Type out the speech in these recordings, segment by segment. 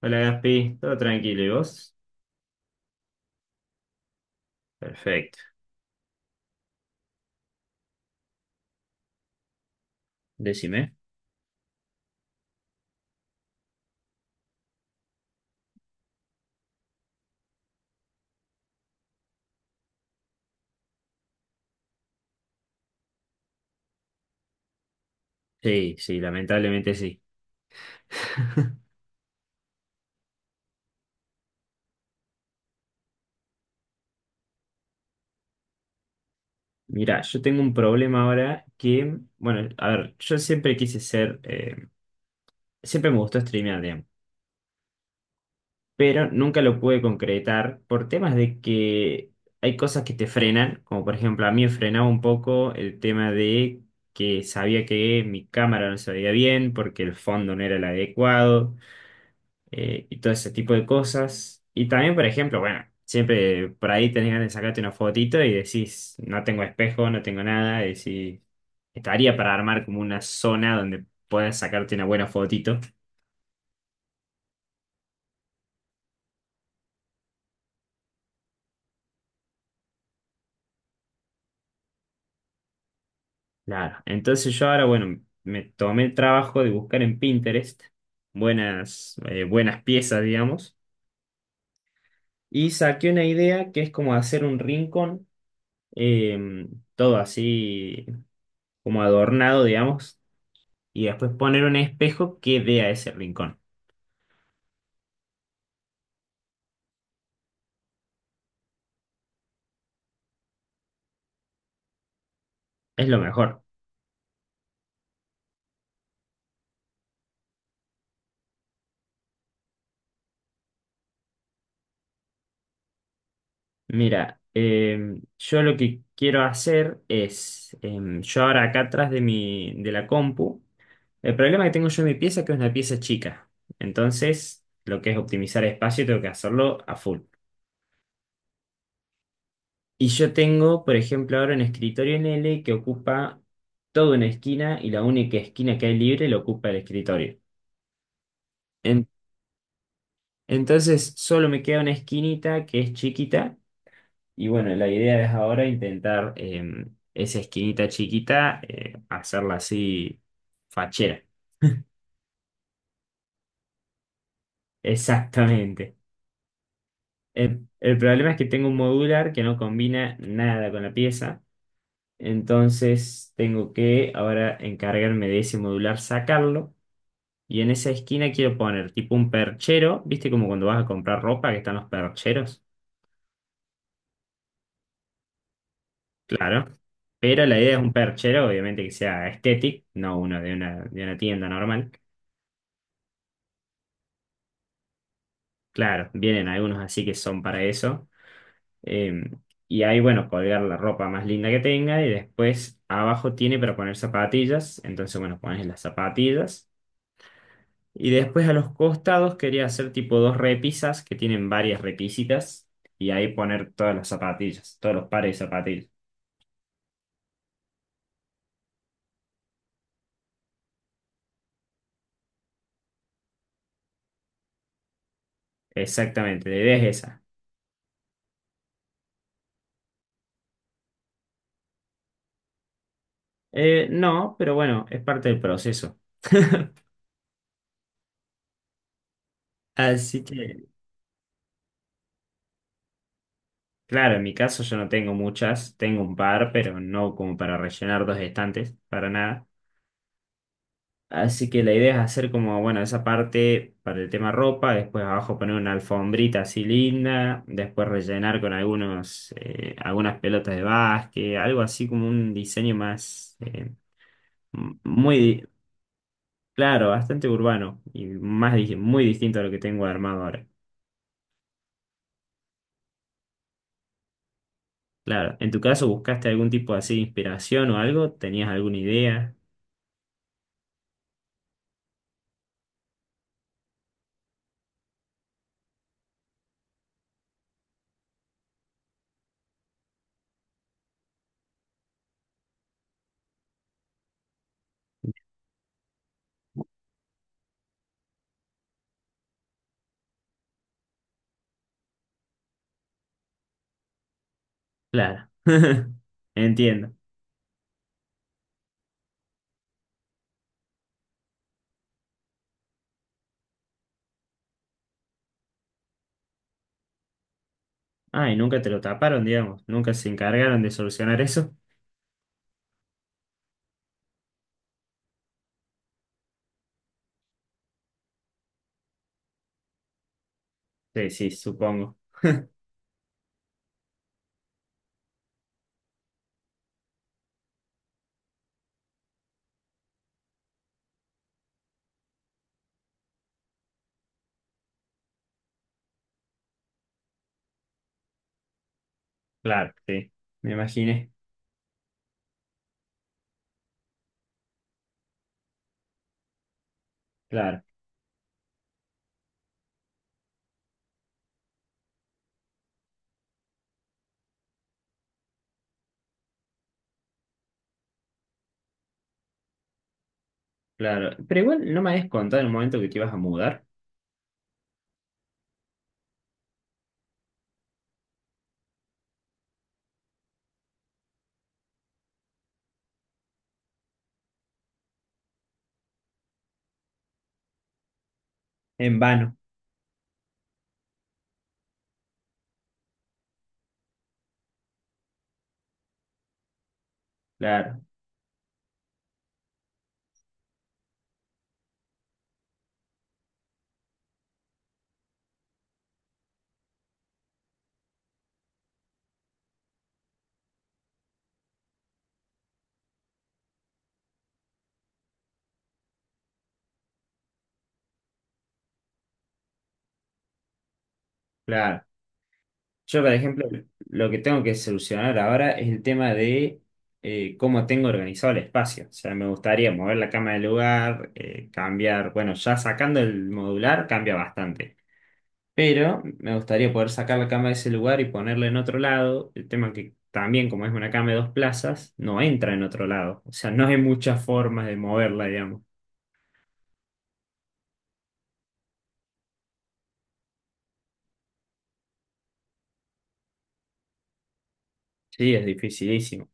Hola Gaspi, todo tranquilo, ¿y vos? Perfecto, decime. Sí, sí, lamentablemente sí. Mira, yo tengo un problema ahora que, bueno, a ver, yo siempre quise ser, siempre me gustó streamear, digamos, pero nunca lo pude concretar por temas de que hay cosas que te frenan, como por ejemplo a mí me frenaba un poco el tema de que sabía que mi cámara no se veía bien porque el fondo no era el adecuado. Y todo ese tipo de cosas. Y también, por ejemplo, bueno, siempre por ahí tenés ganas de sacarte una fotito y decís, no tengo espejo, no tengo nada, y decís, estaría para armar como una zona donde puedas sacarte una buena fotito. Claro, entonces yo ahora, bueno, me tomé el trabajo de buscar en Pinterest buenas, buenas piezas, digamos, y saqué una idea que es como hacer un rincón, eh, todo así como adornado, digamos, y después poner un espejo que dé a ese rincón. Es lo mejor. Mira, yo lo que quiero hacer es, yo ahora acá atrás de de la compu, el problema que tengo yo en mi pieza es que es una pieza chica. Entonces, lo que es optimizar espacio, tengo que hacerlo a full. Y yo tengo, por ejemplo, ahora un escritorio en L que ocupa toda una esquina y la única esquina que hay libre la ocupa el escritorio. En- entonces, solo me queda una esquinita que es chiquita. Y bueno, la idea es ahora intentar esa esquinita chiquita, hacerla así fachera. Exactamente. El problema es que tengo un modular que no combina nada con la pieza. Entonces tengo que ahora encargarme de ese modular, sacarlo. Y en esa esquina quiero poner tipo un perchero. ¿Viste como cuando vas a comprar ropa que están los percheros? Claro. Pero la idea es un perchero, obviamente que sea estético, no uno de de una tienda normal. Claro, vienen algunos así que son para eso. Eh, y ahí, bueno, colgar la ropa más linda que tenga y después abajo tiene para poner zapatillas. Entonces, bueno, pones las zapatillas. Y después a los costados quería hacer tipo dos repisas que tienen varias repisitas y ahí poner todas las zapatillas, todos los pares de zapatillas. Exactamente, la idea es esa. No, pero bueno, es parte del proceso. Así que claro, en mi caso yo no tengo muchas, tengo un par, pero no como para rellenar dos estantes, para nada. Así que la idea es hacer como, bueno, esa parte para el tema ropa, después abajo poner una alfombrita así linda, después rellenar con algunas pelotas de básquet, algo así como un diseño más, m- muy, claro, bastante urbano y muy distinto a lo que tengo armado ahora. Claro, ¿en tu caso buscaste algún tipo así de inspiración o algo? ¿Tenías alguna idea? Claro, entiendo. Ah, y nunca te lo taparon, digamos. Nunca se encargaron de solucionar eso. Sí, sí, supongo. Claro, sí. Me imaginé. Claro, claro. Pero igual no me habías contado en el momento que te ibas a mudar. En vano. Claro, claro. Yo, por ejemplo, lo que tengo que solucionar ahora es el tema de cómo tengo organizado el espacio. O sea, me gustaría mover la cama del lugar, cambiar. Bueno, ya sacando el modular, cambia bastante. Pero me gustaría poder sacar la cama de ese lugar y ponerla en otro lado. El tema que también, como es una cama de dos plazas, no entra en otro lado. O sea, no hay muchas formas de moverla, digamos. Sí, es dificilísimo.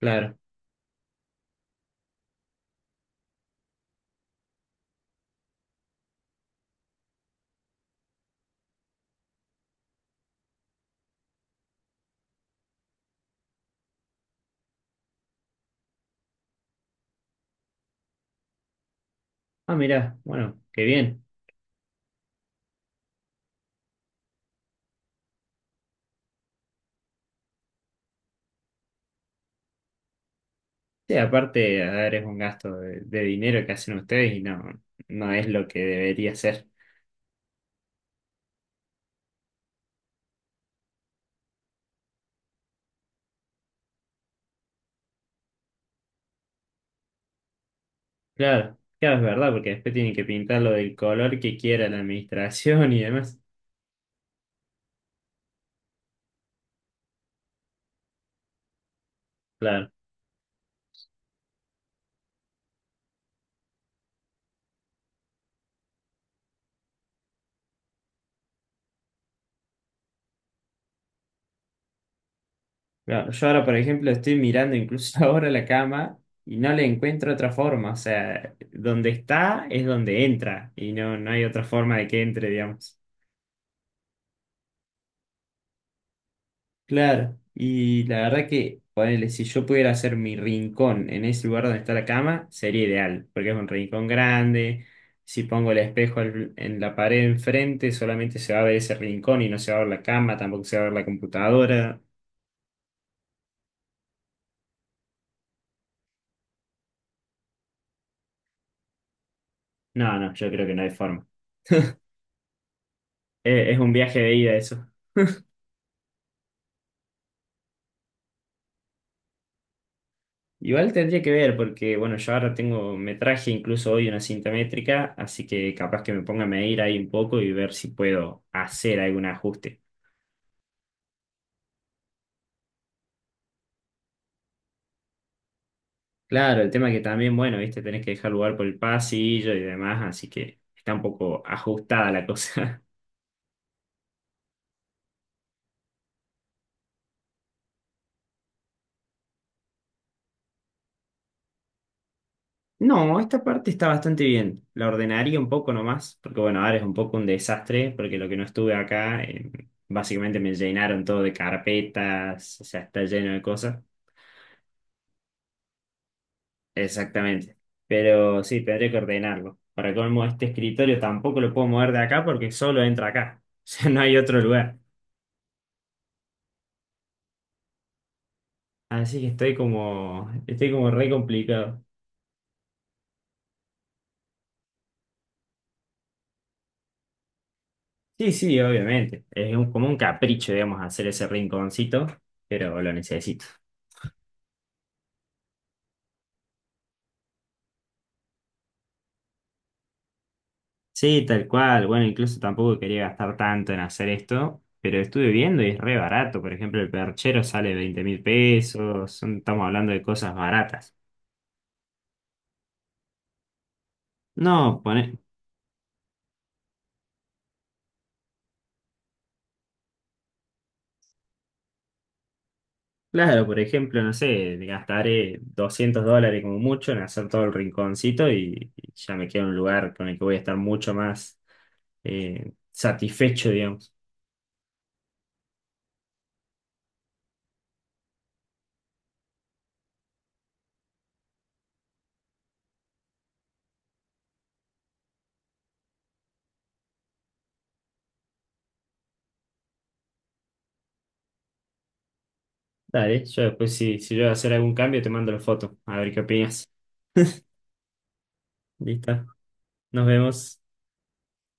Claro. Ah, mirá, bueno, qué bien. Sí, aparte, a ver, es un gasto de dinero que hacen ustedes y no, no es lo que debería ser. Claro, claro, es verdad, porque después tienen que pintarlo del color que quiera la administración y demás. Claro, Claro, yo ahora, por ejemplo, estoy mirando incluso ahora la cama y no le encuentro otra forma. O sea, donde está es donde entra y no, no hay otra forma de que entre, digamos. Claro, y la verdad que, ponele, si yo pudiera hacer mi rincón en ese lugar donde está la cama, sería ideal, porque es un rincón grande. Si pongo el espejo en la pared enfrente, solamente se va a ver ese rincón y no se va a ver la cama, tampoco se va a ver la computadora. No, no, yo creo que no hay forma. Es un viaje de ida eso. Igual tendría que ver, porque bueno, yo ahora tengo, me traje incluso hoy una cinta métrica, así que capaz que me ponga a medir ahí un poco y ver si puedo hacer algún ajuste. Claro, el tema que también, bueno, viste, tenés que dejar lugar por el pasillo y demás, así que está un poco ajustada la cosa. No, esta parte está bastante bien. La ordenaría un poco nomás, porque bueno, ahora es un poco un desastre, porque lo que no estuve acá, básicamente me llenaron todo de carpetas, o sea, está lleno de cosas. Exactamente. Pero sí, tendría que ordenarlo. Para colmo, este escritorio tampoco lo puedo mover de acá porque solo entra acá. O sea, no hay otro lugar. Así que estoy como re complicado. Sí, sí, obviamente. Como un capricho, digamos, hacer ese rinconcito, pero lo necesito. Sí, tal cual. Bueno, incluso tampoco quería gastar tanto en hacer esto, pero estuve viendo y es re barato. Por ejemplo, el perchero sale 20.000 pesos. Estamos hablando de cosas baratas. No, claro, por ejemplo, no sé, gastaré 200 dólares como mucho en hacer todo el rinconcito y ya me queda un lugar con el que voy a estar mucho más satisfecho, digamos. Dale, yo después si yo voy a hacer algún cambio te mando la foto, a ver qué opinas. Listo, nos vemos.